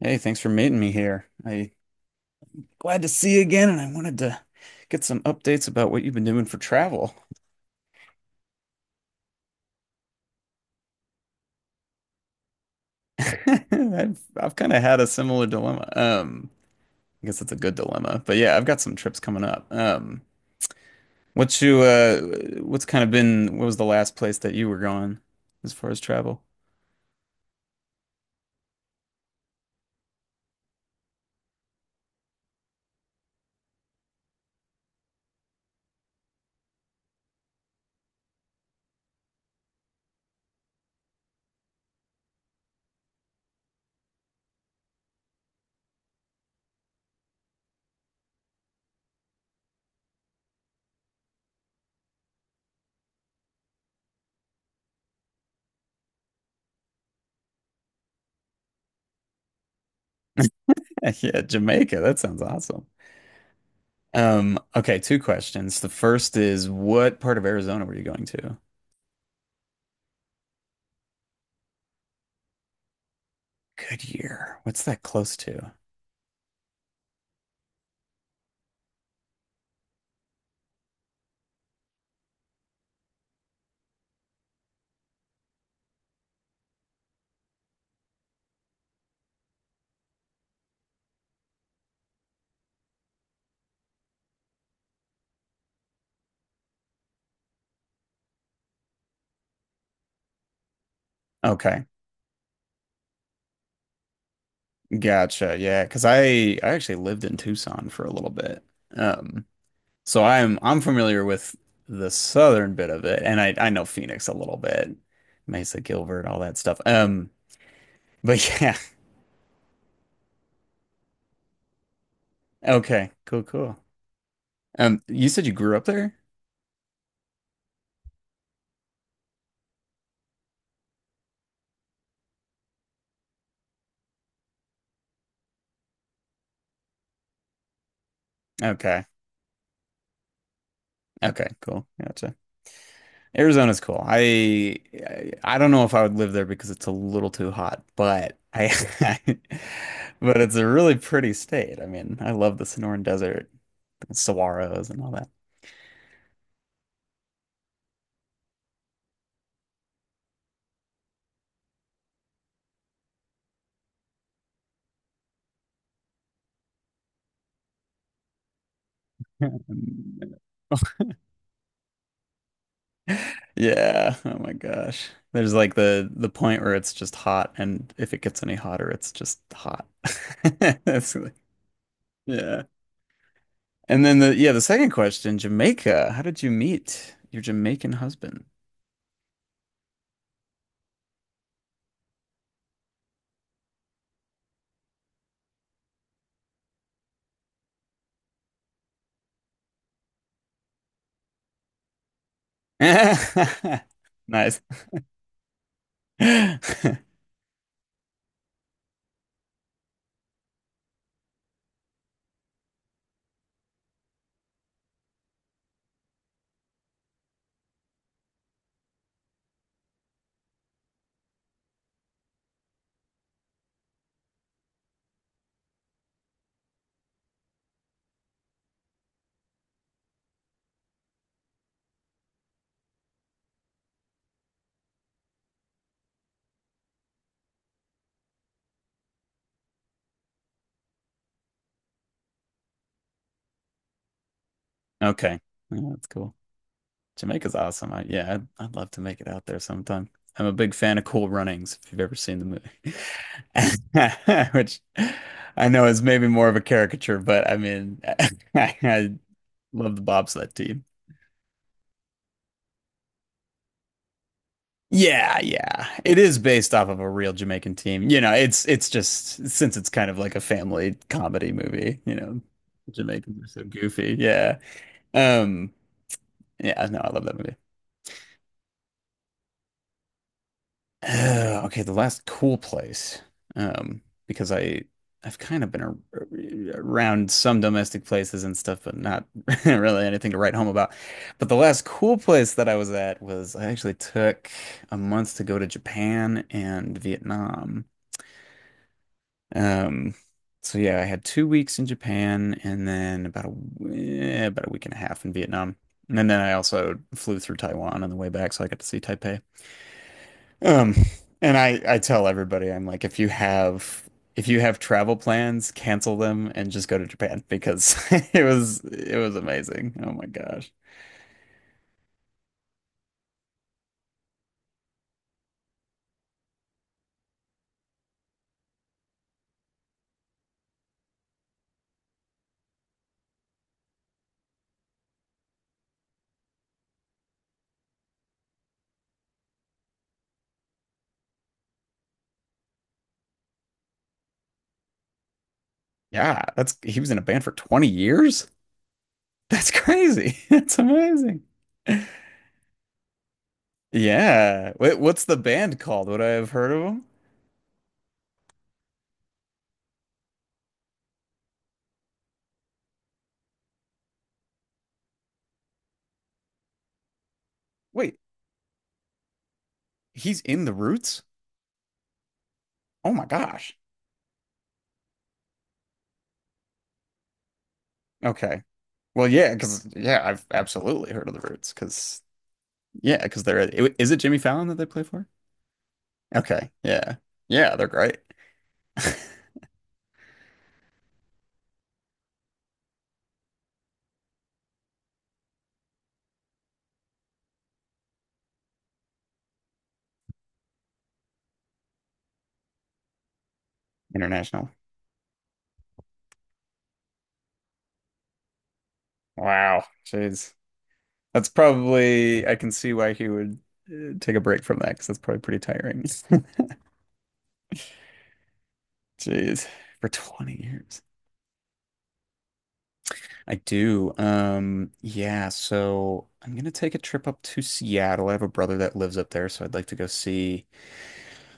Hey, thanks for meeting me here. I glad to see you again, and I wanted to get some updates about what you've been doing for travel. I've kind of had a similar dilemma. I guess it's a good dilemma, but yeah, I've got some trips coming up. What you uh, what's kind of been what was the last place that you were going as far as travel? Yeah, Jamaica. That sounds awesome. Okay, two questions. The first is what part of Arizona were you going to? Goodyear. What's that close to? Okay. Gotcha. Yeah, because I actually lived in Tucson for a little bit. Um, so I'm familiar with the southern bit of it and I know Phoenix a little bit. Mesa, Gilbert, all that stuff. But yeah. Okay. Cool, cool. You said you grew up there? Okay. Okay, cool. Gotcha. Arizona's cool. I don't know if I would live there because it's a little too hot, but I but it's a really pretty state. I mean, I love the Sonoran Desert. Saguaros and all that. Yeah. Oh my gosh. There's like the point where it's just hot, and if it gets any hotter, it's just hot. That's like- yeah. And then the second question, Jamaica. How did you meet your Jamaican husband? Nice. Okay. Yeah, that's cool. Jamaica's awesome. I, yeah, I'd love to make it out there sometime. I'm a big fan of Cool Runnings, if you've ever seen the movie, which I know is maybe more of a caricature, but I mean, I love the bobsled team. Yeah, yeah. It is based off of a real Jamaican team. You know, it's just since it's kind of like a family comedy movie, you know, Jamaicans are so goofy. Yeah. Um, yeah, no, I love that movie. Okay, the last cool place, um, because I've kind of been ar around some domestic places and stuff, but not really anything to write home about. But the last cool place that I was at was I actually took a month to go to Japan and Vietnam. Um, so yeah, I had 2 weeks in Japan and then about a about a week and a half in Vietnam, and then I also flew through Taiwan on the way back, so I got to see Taipei. Um, and I tell everybody I'm like if you have travel plans, cancel them and just go to Japan because it was amazing. Oh my gosh. Yeah, that's he was in a band for 20 years? That's crazy. That's amazing. Yeah. Wait, what's the band called? Would I have heard of him? Wait, he's in the Roots? Oh my gosh. Okay. Well, yeah, because yeah, I've absolutely heard of the Roots because yeah, because they're is it Jimmy Fallon that they play for? Okay. Yeah. Yeah, they're great. International. Wow. Jeez. That's probably, I can see why he would take a break from that because that's probably pretty tiring. Jeez. For 20 years. I do. Yeah, so I'm gonna take a trip up to Seattle. I have a brother that lives up there, so I'd like to go see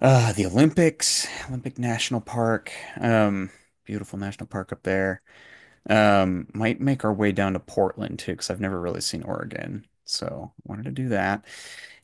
the Olympics, Olympic National Park. Um, Beautiful national park up there. Might make our way down to Portland too, because I've never really seen Oregon. So wanted to do that.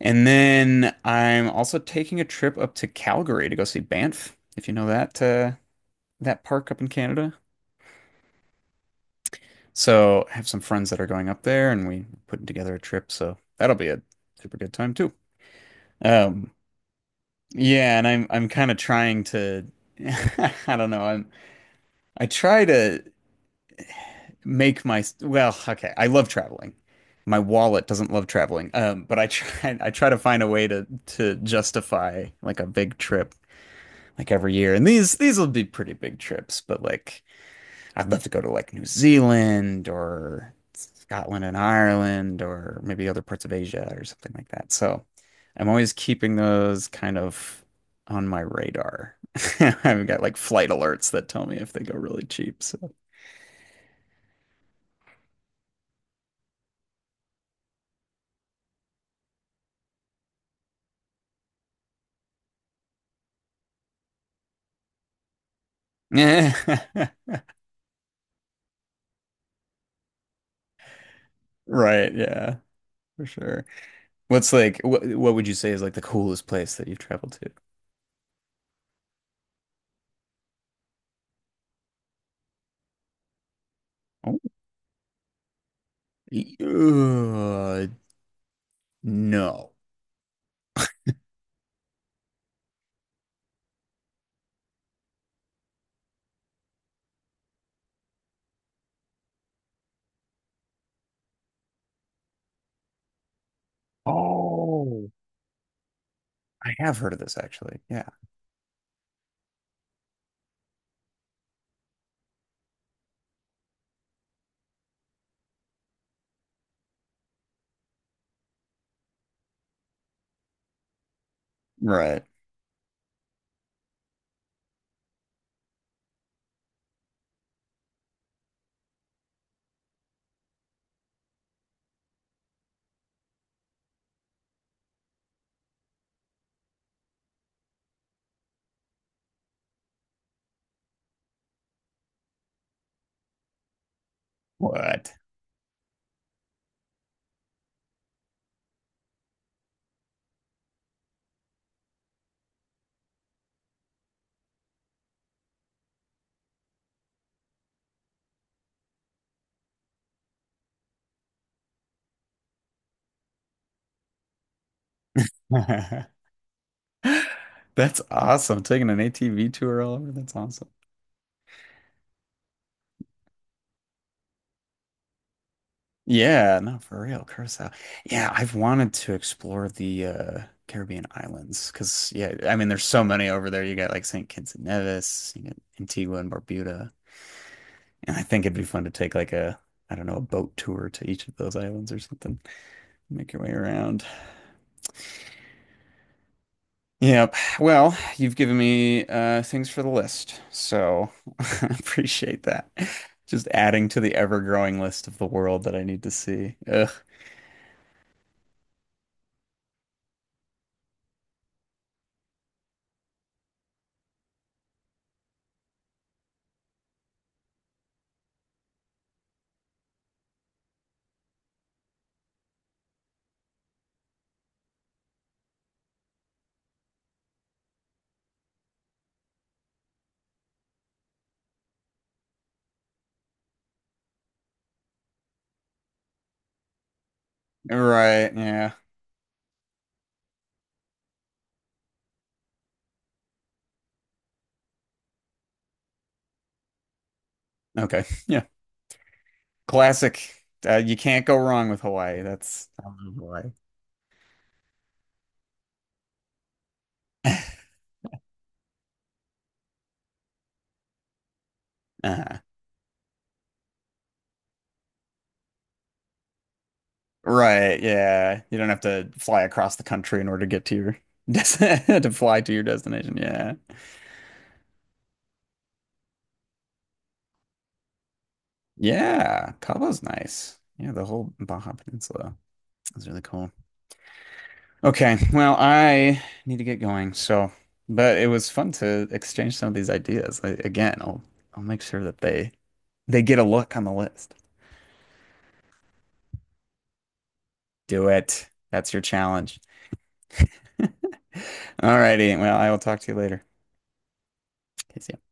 And then I'm also taking a trip up to Calgary to go see Banff, if you know that that park up in Canada. So I have some friends that are going up there, and we putting together a trip. So that'll be a super good time too. Um, yeah, and I'm kind of trying to, I don't know, I'm I try to make my well, okay, I love traveling. My wallet doesn't love traveling. But I try I try to find a way to justify like a big trip like every year. And these will be pretty big trips, but like I'd love to go to like New Zealand or Scotland and Ireland or maybe other parts of Asia or something like that. So I'm always keeping those kind of on my radar. I've got like flight alerts that tell me if they go really cheap. So yeah. Right, yeah, for sure. What's like what would you say is like the coolest place that you've traveled to? Oh, y- uh, no. Oh, I have heard of this actually. Yeah. Right. What? That's awesome. Taking an ATV tour all over. That's awesome. Yeah, no, for real. Curacao. Yeah, I've wanted to explore the Caribbean islands because yeah, I mean there's so many over there. You got like St. Kitts and Nevis, you got Antigua and Barbuda. And I think it'd be fun to take like a, I don't know, a boat tour to each of those islands or something. Make your way around. Yep. Well, you've given me things for the list, so I appreciate that. Just adding to the ever-growing list of the world that I need to see. Ugh. Right. Yeah. Okay. Yeah. Classic. You can't go wrong with Hawaii. That's I love Hawaii. uh Right, yeah. You don't have to fly across the country in order to get to your to fly to your destination. Yeah. Yeah, Cabo's nice. Yeah, the whole Baja Peninsula is really cool. Okay, well, I need to get going. So, but it was fun to exchange some of these ideas. I, again, I'll make sure that they get a look on the list. Do it. That's your challenge. All righty. Well, I will talk to you later. Okay, see ya.